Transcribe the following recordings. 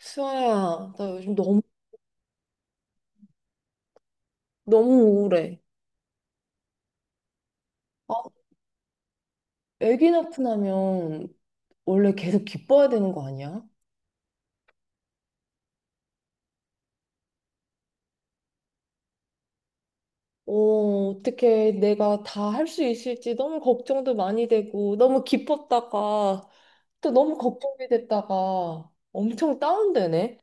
수아야, 나 요즘 너무, 너무 우울해. 아, 애기 낳고 나면 원래 계속 기뻐야 되는 거 아니야? 어, 어떻게 내가 다 할 수 있을지 너무 걱정도 많이 되고, 너무 기뻤다가, 또 너무 걱정이 됐다가, 엄청 다운되네?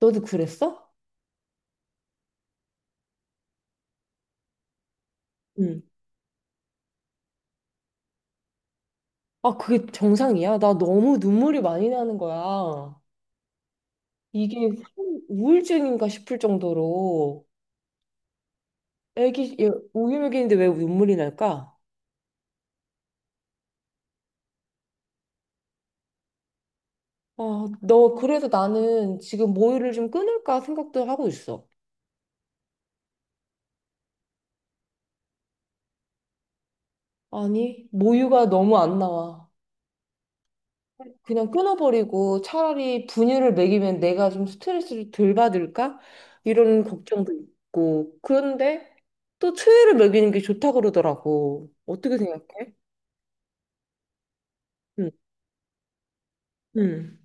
너도 그랬어? 응. 아, 그게 정상이야? 나 너무 눈물이 많이 나는 거야. 이게 우울증인가 싶을 정도로, 애기, 얘 우유먹이는데 왜 눈물이 날까? 아, 너 그래서 나는 지금 모유를 좀 끊을까 생각도 하고 있어. 아니, 모유가 너무 안 나와. 그냥 끊어버리고 차라리 분유를 먹이면 내가 좀 스트레스를 덜 받을까? 이런 걱정도 있고. 그런데 또 초유를 먹이는 게 좋다 그러더라고. 어떻게 생각해? 응. 응.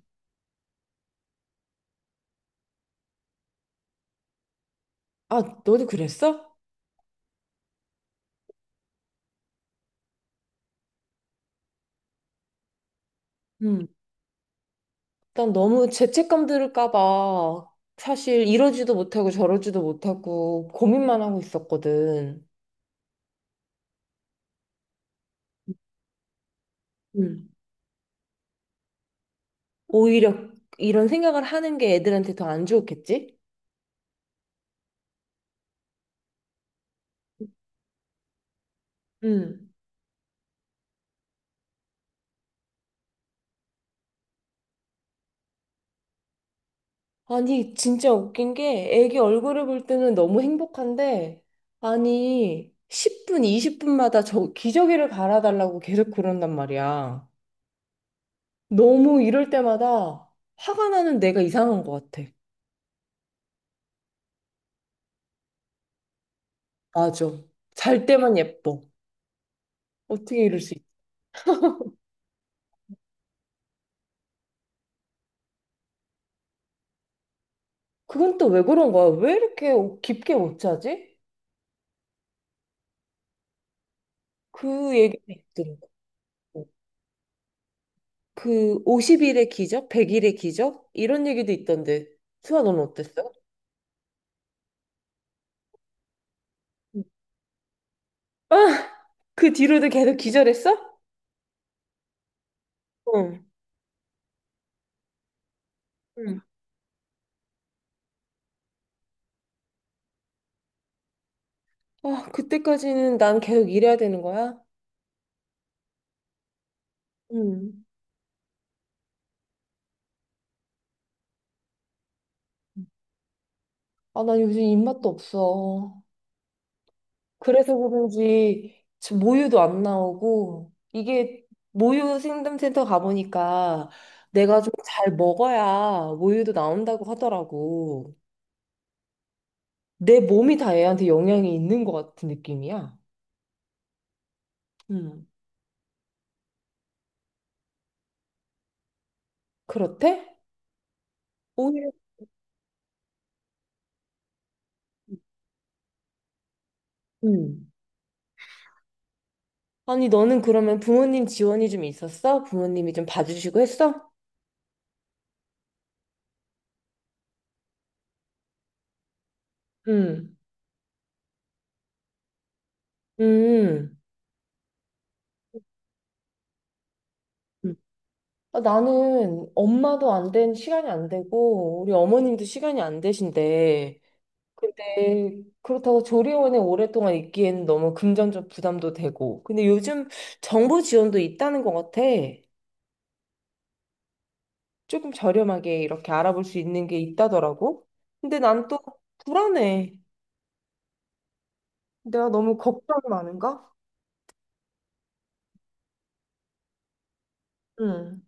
아, 너도 그랬어? 응. 일단 너무 죄책감 들을까 봐 사실 이러지도 못하고 저러지도 못하고 고민만 하고 있었거든. 응. 오히려 이런 생각을 하는 게 애들한테 더 안 좋겠지? 응. 아니, 진짜 웃긴 게 애기 얼굴을 볼 때는 너무 행복한데, 아니, 10분, 20분마다 저 기저귀를 갈아달라고 계속 그런단 말이야. 너무 이럴 때마다 화가 나는 내가 이상한 것 같아. 맞아. 잘 때만 예뻐. 어떻게 이럴 수 있지? 그건 또 왜 그런 거야? 왜 이렇게 깊게 못 자지? 그 얘기가 있더라고. 그 50일의 기적, 100일의 기적 이런 얘기도 있던데. 수아 너는 어땠어? 응. 아, 그 뒤로도 계속 기절했어? 응. 응. 아, 그때까지는 난 계속 일해야 되는 거야? 응. 아, 난 요즘 입맛도 없어. 그래서 그런지 지금 모유도 안 나오고 이게 모유 생담센터 가보니까 내가 좀 잘 먹어야 모유도 나온다고 하더라고. 내 몸이 다 얘한테 영향이 있는 것 같은 느낌이야. 음. 그렇대? 오히려, 음. 아니, 너는 그러면 부모님 지원이 좀 있었어? 부모님이 좀 봐주시고 했어? 음. 음. 음. 아, 나는 엄마도 안 된, 시간이 안 되고, 우리 어머님도 시간이 안 되신데, 근데 그렇다고 조리원에 오랫동안 있기에는 너무 금전적 부담도 되고, 근데 요즘 정부 지원도 있다는 것 같아. 조금 저렴하게 이렇게 알아볼 수 있는 게 있다더라고. 근데 난 또 불안해. 내가 너무 걱정이 많은가? 응.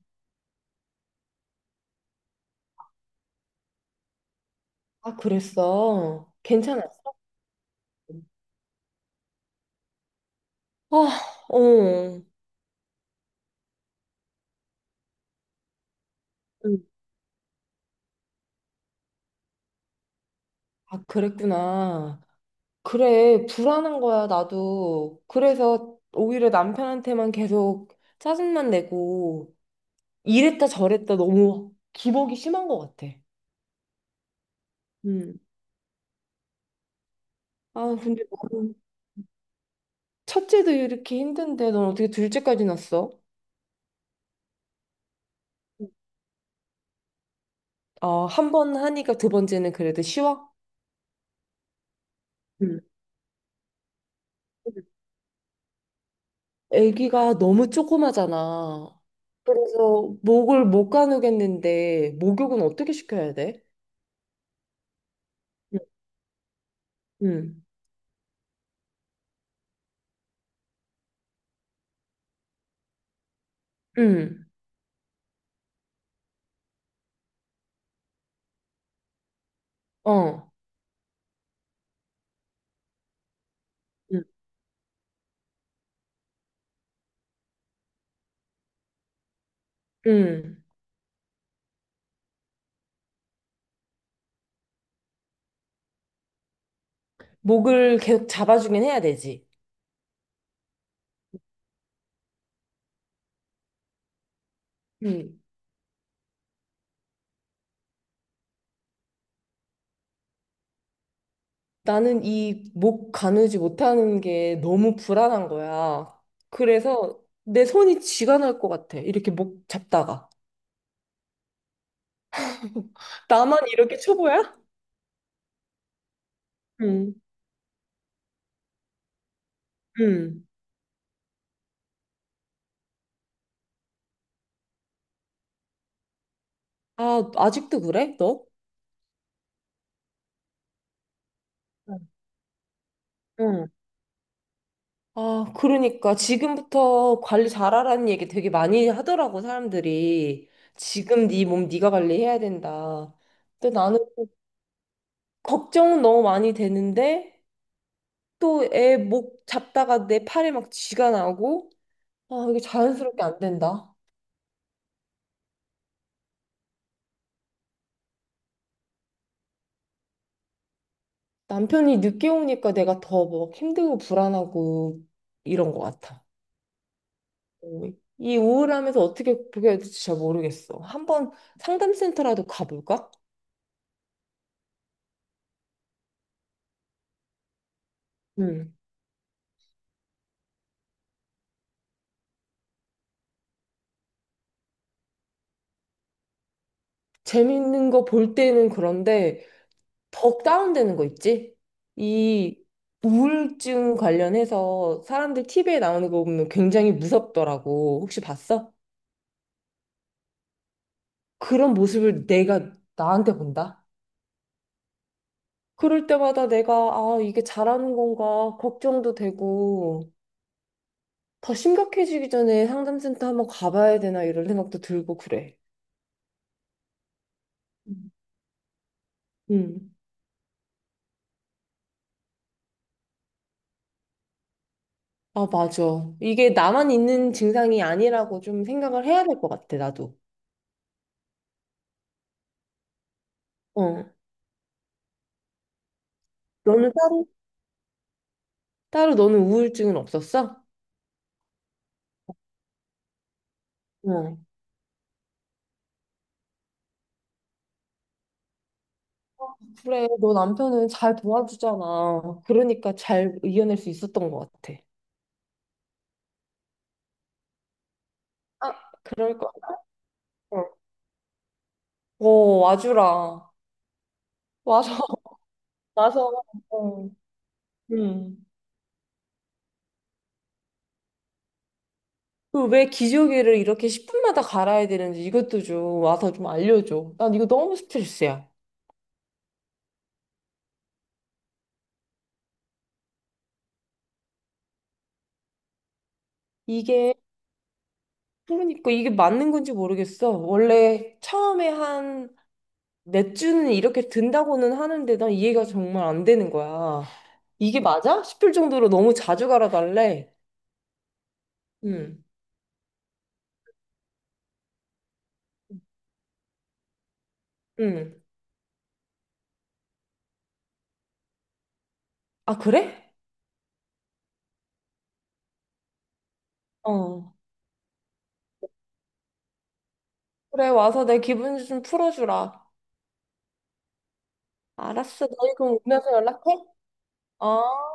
아, 그랬어. 괜찮았어. 아, 어. 응. 아, 그랬구나. 그래, 불안한 거야, 나도. 그래서 오히려 남편한테만 계속 짜증만 내고, 이랬다 저랬다 너무 기복이 심한 것 같아. 응. 아, 근데 너는 첫째도 이렇게 힘든데, 넌 어떻게 둘째까지 낳았어? 아, 한 번 하니까 두 번째는 그래도 쉬워? 응. 아기가 너무 조그마잖아. 그래서 목을 못 가누겠는데 목욕은 어떻게 시켜야 돼? 응, 응, 어, 응, 응. 목을 계속 잡아주긴 해야 되지. 응. 나는 이 목 가누지 못하는 게 너무 불안한 거야. 그래서 내 손이 쥐가 날 것 같아. 이렇게 목 잡다가. 나만 이렇게 초보야? 응, 응. 아, 아직도 그래? 너? 응. 아, 그러니까 지금부터 관리 잘하라는 얘기 되게 많이 하더라고 사람들이. 지금 네 몸 네가 관리해야 된다. 근데 나는 또 걱정은 너무 많이 되는데 또 애 목 잡다가 내 팔에 막 쥐가 나고 아, 이게 자연스럽게 안 된다. 남편이 늦게 오니까 내가 더 막 힘들고 불안하고 이런 것 같아. 어, 이 우울함에서 어떻게 그게 될지 잘 모르겠어. 한번 상담센터라도 가볼까? 응. 재밌는 거 볼 때는 그런데 더 다운되는 거 있지? 이 우울증 관련해서 사람들 TV에 나오는 거 보면 굉장히 무섭더라고. 혹시 봤어? 그런 모습을 내가 나한테 본다? 그럴 때마다 내가 아, 이게 잘하는 건가 걱정도 되고 더 심각해지기 전에 상담센터 한번 가봐야 되나 이런 생각도 들고 그래. 음. 음. 아, 맞아. 이게 나만 있는 증상이 아니라고 좀 생각을 해야 될 것 같아, 나도. 어. 너는 따로? 따로 너는 우울증은 없었어? 어. 그래, 너 남편은 잘 도와주잖아. 그러니까 잘 이겨낼 수 있었던 것 같아. 아, 그럴 것 같아. 어, 와주라. 와서, 와서. 어. 음. 그왜 기저귀를 이렇게 10분마다 갈아야 되는지 이것도 좀 와서 좀 알려줘. 난 이거 너무 스트레스야. 이게, 그러니까 이게 맞는 건지 모르겠어. 원래 처음에 한 맥주는 이렇게 든다고는 하는데 난 이해가 정말 안 되는 거야. 이게 맞아? 싶을 정도로 너무 자주 갈아달래. 응, 응. 아, 그래? 어. 그래, 와서 내 기분 좀 풀어주라. 알았어. 너희 그럼 오면서 연락해? 어.